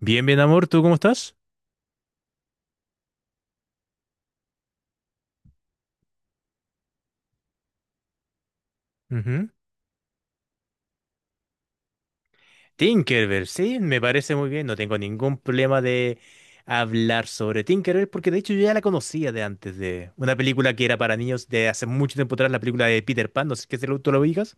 Bien, bien, amor, ¿tú cómo estás? Ujú. Tinkerbell, sí, me parece muy bien. No tengo ningún problema de hablar sobre Tinkerbell porque de hecho yo ya la conocía de antes de una película que era para niños de hace mucho tiempo atrás, la película de Peter Pan, no sé qué es el auto lo ubicas.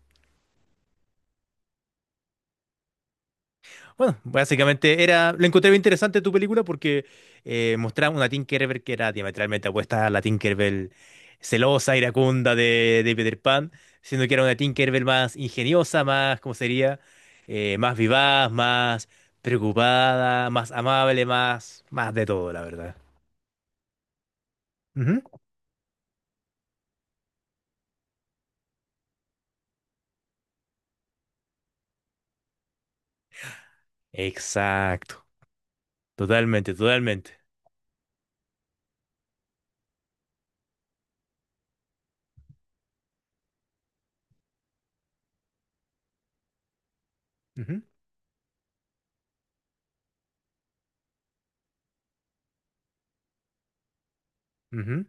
Bueno, básicamente era, lo encontré bien interesante tu película porque mostraba una Tinkerbell que era diametralmente opuesta a la Tinkerbell celosa, iracunda de Peter Pan, siendo que era una Tinkerbell más ingeniosa, más, ¿cómo sería? Más vivaz, más preocupada, más amable, más, más de todo, la verdad. Ujú. Exacto, totalmente, totalmente. Ujú, ujú.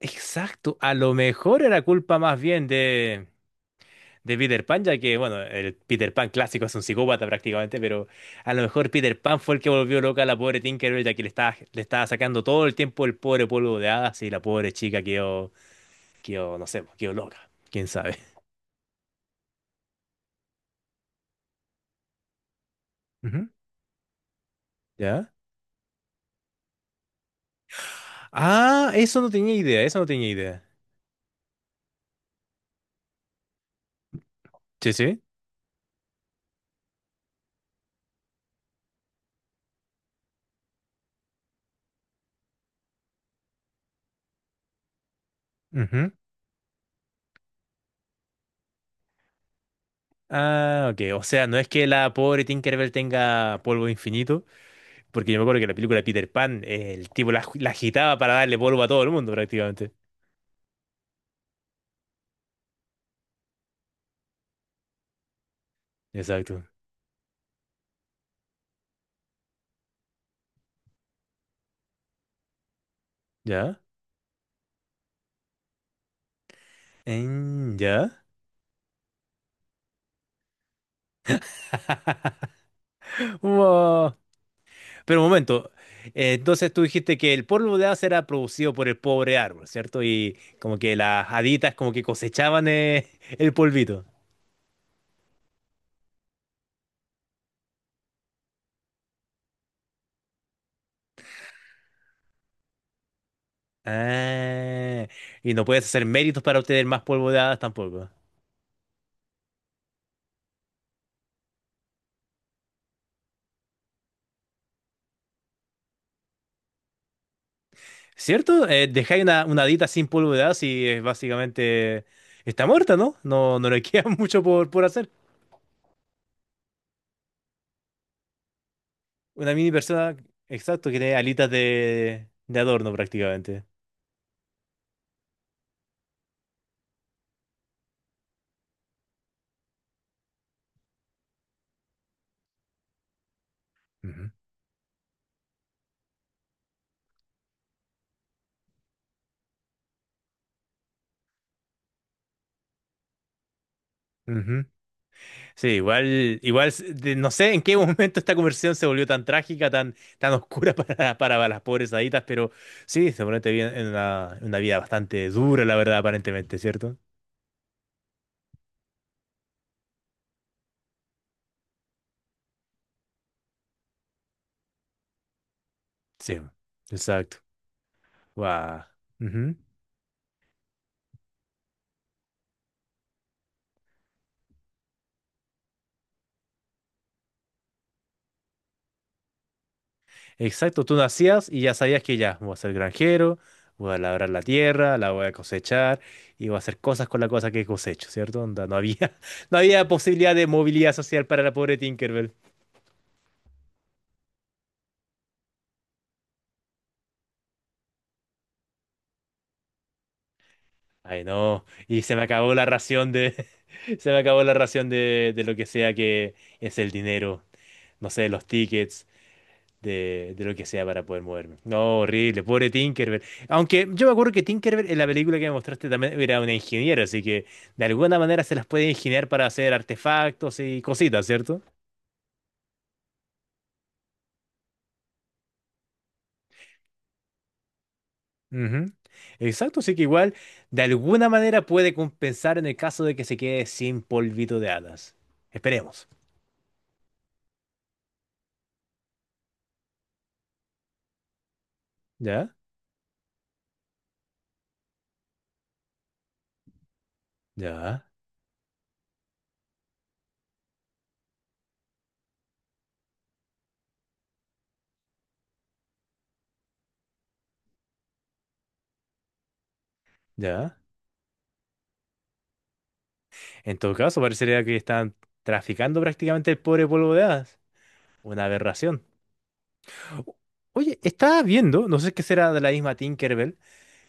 Exacto, a lo mejor era culpa más bien de de Peter Pan, ya que, bueno, el Peter Pan clásico es un psicópata prácticamente, pero a lo mejor Peter Pan fue el que volvió loca a la pobre Tinkerbell, ya que le estaba sacando todo el tiempo el pobre polvo de hadas y la pobre chica quedó, quedó, no sé, pues, quedó loca, quién sabe. Ujú, ¿ya? Ah, eso no tenía idea, eso no tenía idea. Sí, sí. Ujú. Ah, ok. O sea, no es que la pobre Tinkerbell tenga polvo infinito, porque yo me acuerdo que en la película de Peter Pan, el tipo la agitaba para darle polvo a todo el mundo prácticamente. Exacto. ¿Ya? Mm, ¿ya? Wow. Pero un momento, entonces tú dijiste que el polvo de haz era producido por el pobre árbol, ¿cierto? Y como que las haditas como que cosechaban el polvito. Ah, y no puedes hacer méritos para obtener más polvo de hadas tampoco. ¿Cierto? Dejáis una hadita sin polvo de hadas y es básicamente está muerta, ¿no? No, no le queda mucho por hacer. Una mini persona, exacto, que tiene alitas de adorno prácticamente. Ujú, ujú. Sí, igual, igual, no sé en qué momento esta conversión se volvió tan trágica, tan, tan oscura para las pobres haditas, pero sí, se ponen en una vida bastante dura, la verdad, aparentemente, ¿cierto? Sí, exacto. Guau. Ujú. Exacto, tú nacías y ya sabías que ya, voy a ser granjero, voy a labrar la tierra, la voy a cosechar y voy a hacer cosas con la cosa que cosecho, ¿cierto? Onda, no había, no había posibilidad de movilidad social para la pobre Tinkerbell. Ay, no. Y se me acabó la ración de. Se me acabó la ración de lo que sea que es el dinero. No sé, los tickets, de lo que sea para poder moverme. No, horrible. Pobre Tinkerbell. Aunque yo me acuerdo que Tinkerbell en la película que me mostraste también era una ingeniera, así que de alguna manera se las puede ingeniar para hacer artefactos y cositas, ¿cierto? Ujú. Exacto, así que igual de alguna manera puede compensar en el caso de que se quede sin polvito de hadas. Esperemos. ¿Ya? ¿Ya? ¿Ya? En todo caso, parecería que están traficando prácticamente el pobre polvo de hadas. Una aberración. O- Oye, estaba viendo, no sé qué será de la misma Tinkerbell,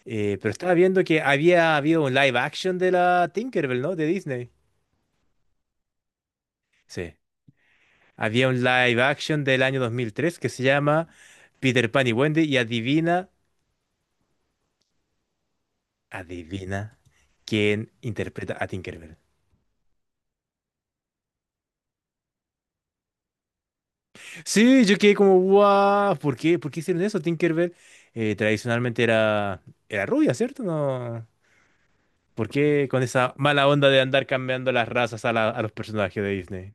pero estaba viendo que había habido un live action de la Tinkerbell, ¿no? De Disney. Sí. Había un live action del año 2003 que se llama Peter Pan y Wendy y adivina, adivina quién interpreta a Tinkerbell. Sí, yo quedé como, guau, ¿por qué? ¿Por qué hicieron eso? Tinkerbell tradicionalmente era, era rubia, ¿cierto? No. ¿Por qué con esa mala onda de andar cambiando las razas a, a los personajes de Disney?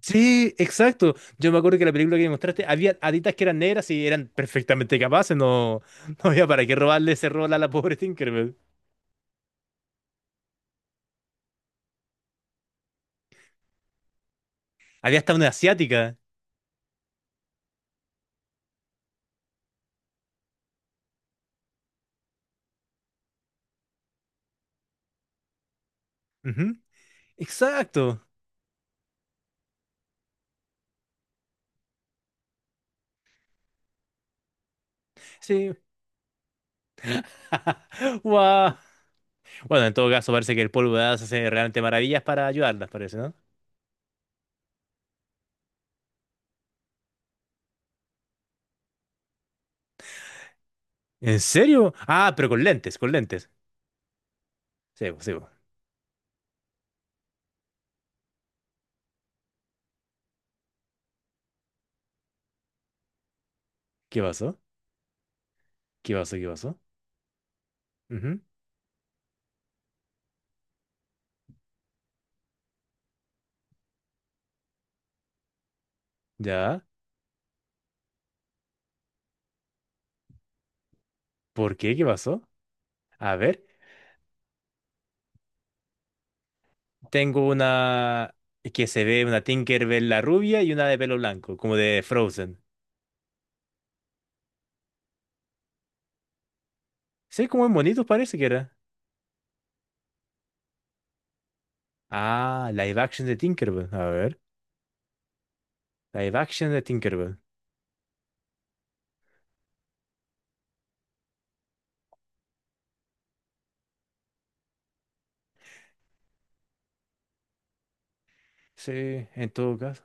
Sí, exacto. Yo me acuerdo que la película que me mostraste, había haditas que eran negras y eran perfectamente capaces. No, no había para qué robarle ese rol a la pobre Tinkerbell. Había hasta una asiática. Ujú, exacto. Sí. Guau. Bueno, en todo caso, parece que el polvo de hadas hace realmente maravillas para ayudarlas, parece, ¿no? ¿En serio? Ah, pero con lentes, con lentes. Sí, po, sí, po. ¿Qué pasó? ¿Qué pasó? ¿Qué pasó? Ujú, ya. ¿Por qué? ¿Qué pasó? A ver, tengo una que se ve una Tinkerbell la rubia y una de pelo blanco, como de Frozen. Sí, como en bonitos parece que era. Ah, live action de Tinkerbell. A ver, live action de Tinkerbell. Sí, en todo caso.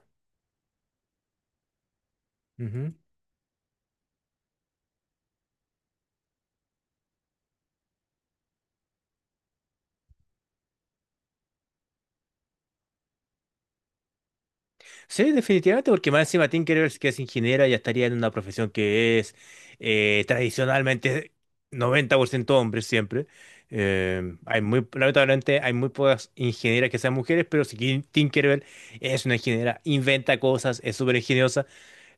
Sí, definitivamente, porque más encima Tim Rivers, que es ingeniera, ya estaría en una profesión que es tradicionalmente 90% hombres siempre. Lamentablemente hay muy pocas ingenieras que sean mujeres, pero si Tinkerbell es una ingeniera, inventa cosas, es súper ingeniosa.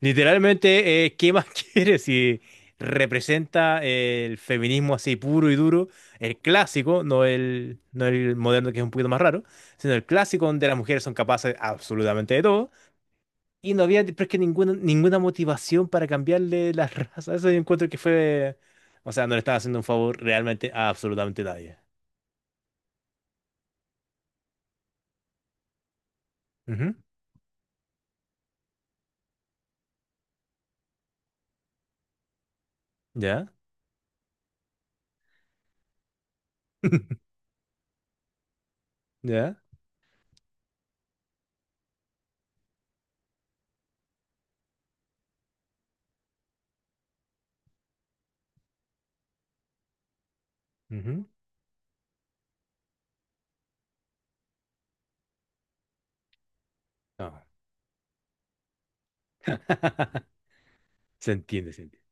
Literalmente, ¿qué más quieres si representa el feminismo así puro y duro, el clásico, no no el moderno que es un poquito más raro, sino el clásico donde las mujeres son capaces absolutamente de todo? Y no había, pero es que ninguna, ninguna motivación para cambiarle la raza. Eso yo encuentro que fue. O sea, no le estaba haciendo un favor realmente a absolutamente nadie. Ujú, ¿ya? ¿Ya? Ujú, no. Se entiende, se entiende.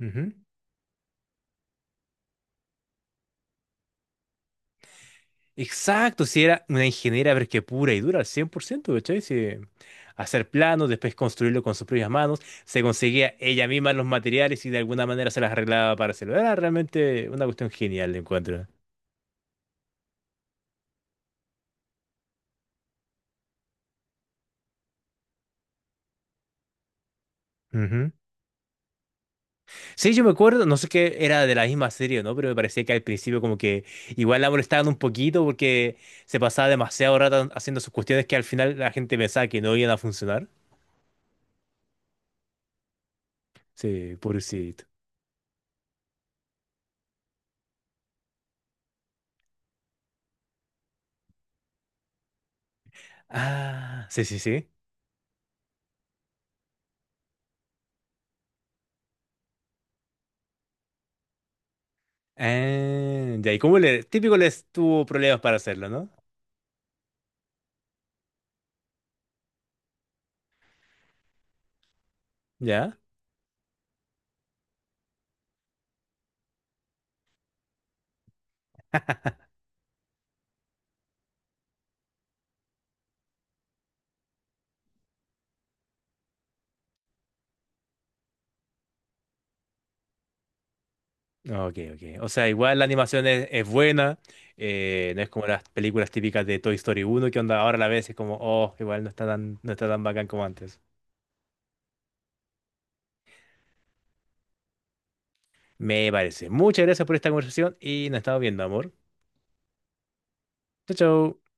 Ujú. Exacto, si era una ingeniera, pero es que pura y dura, al 100%, ¿cachai? Si hacer planos, después construirlo con sus propias manos, se conseguía ella misma los materiales y de alguna manera se las arreglaba para hacerlo. Era realmente una cuestión genial, encuentro. Sí, yo me acuerdo, no sé qué era de la misma serie, o ¿no? Pero me parecía que al principio como que igual la molestaban un poquito porque se pasaba demasiado rato haciendo sus cuestiones que al final la gente pensaba que no iban a funcionar. Sí, pobrecito. Ah, sí, sí, sí. Ah, ya, y como le, típico les tuvo problemas para hacerlo, ¿no? Ya. Ok, ok. O sea, igual la animación es buena, no es como las películas típicas de Toy Story uno que onda ahora a la vez es como, oh, igual no está tan, no está tan bacán como antes. Me parece. Muchas gracias por esta conversación y nos estamos viendo, amor. Chao, chao.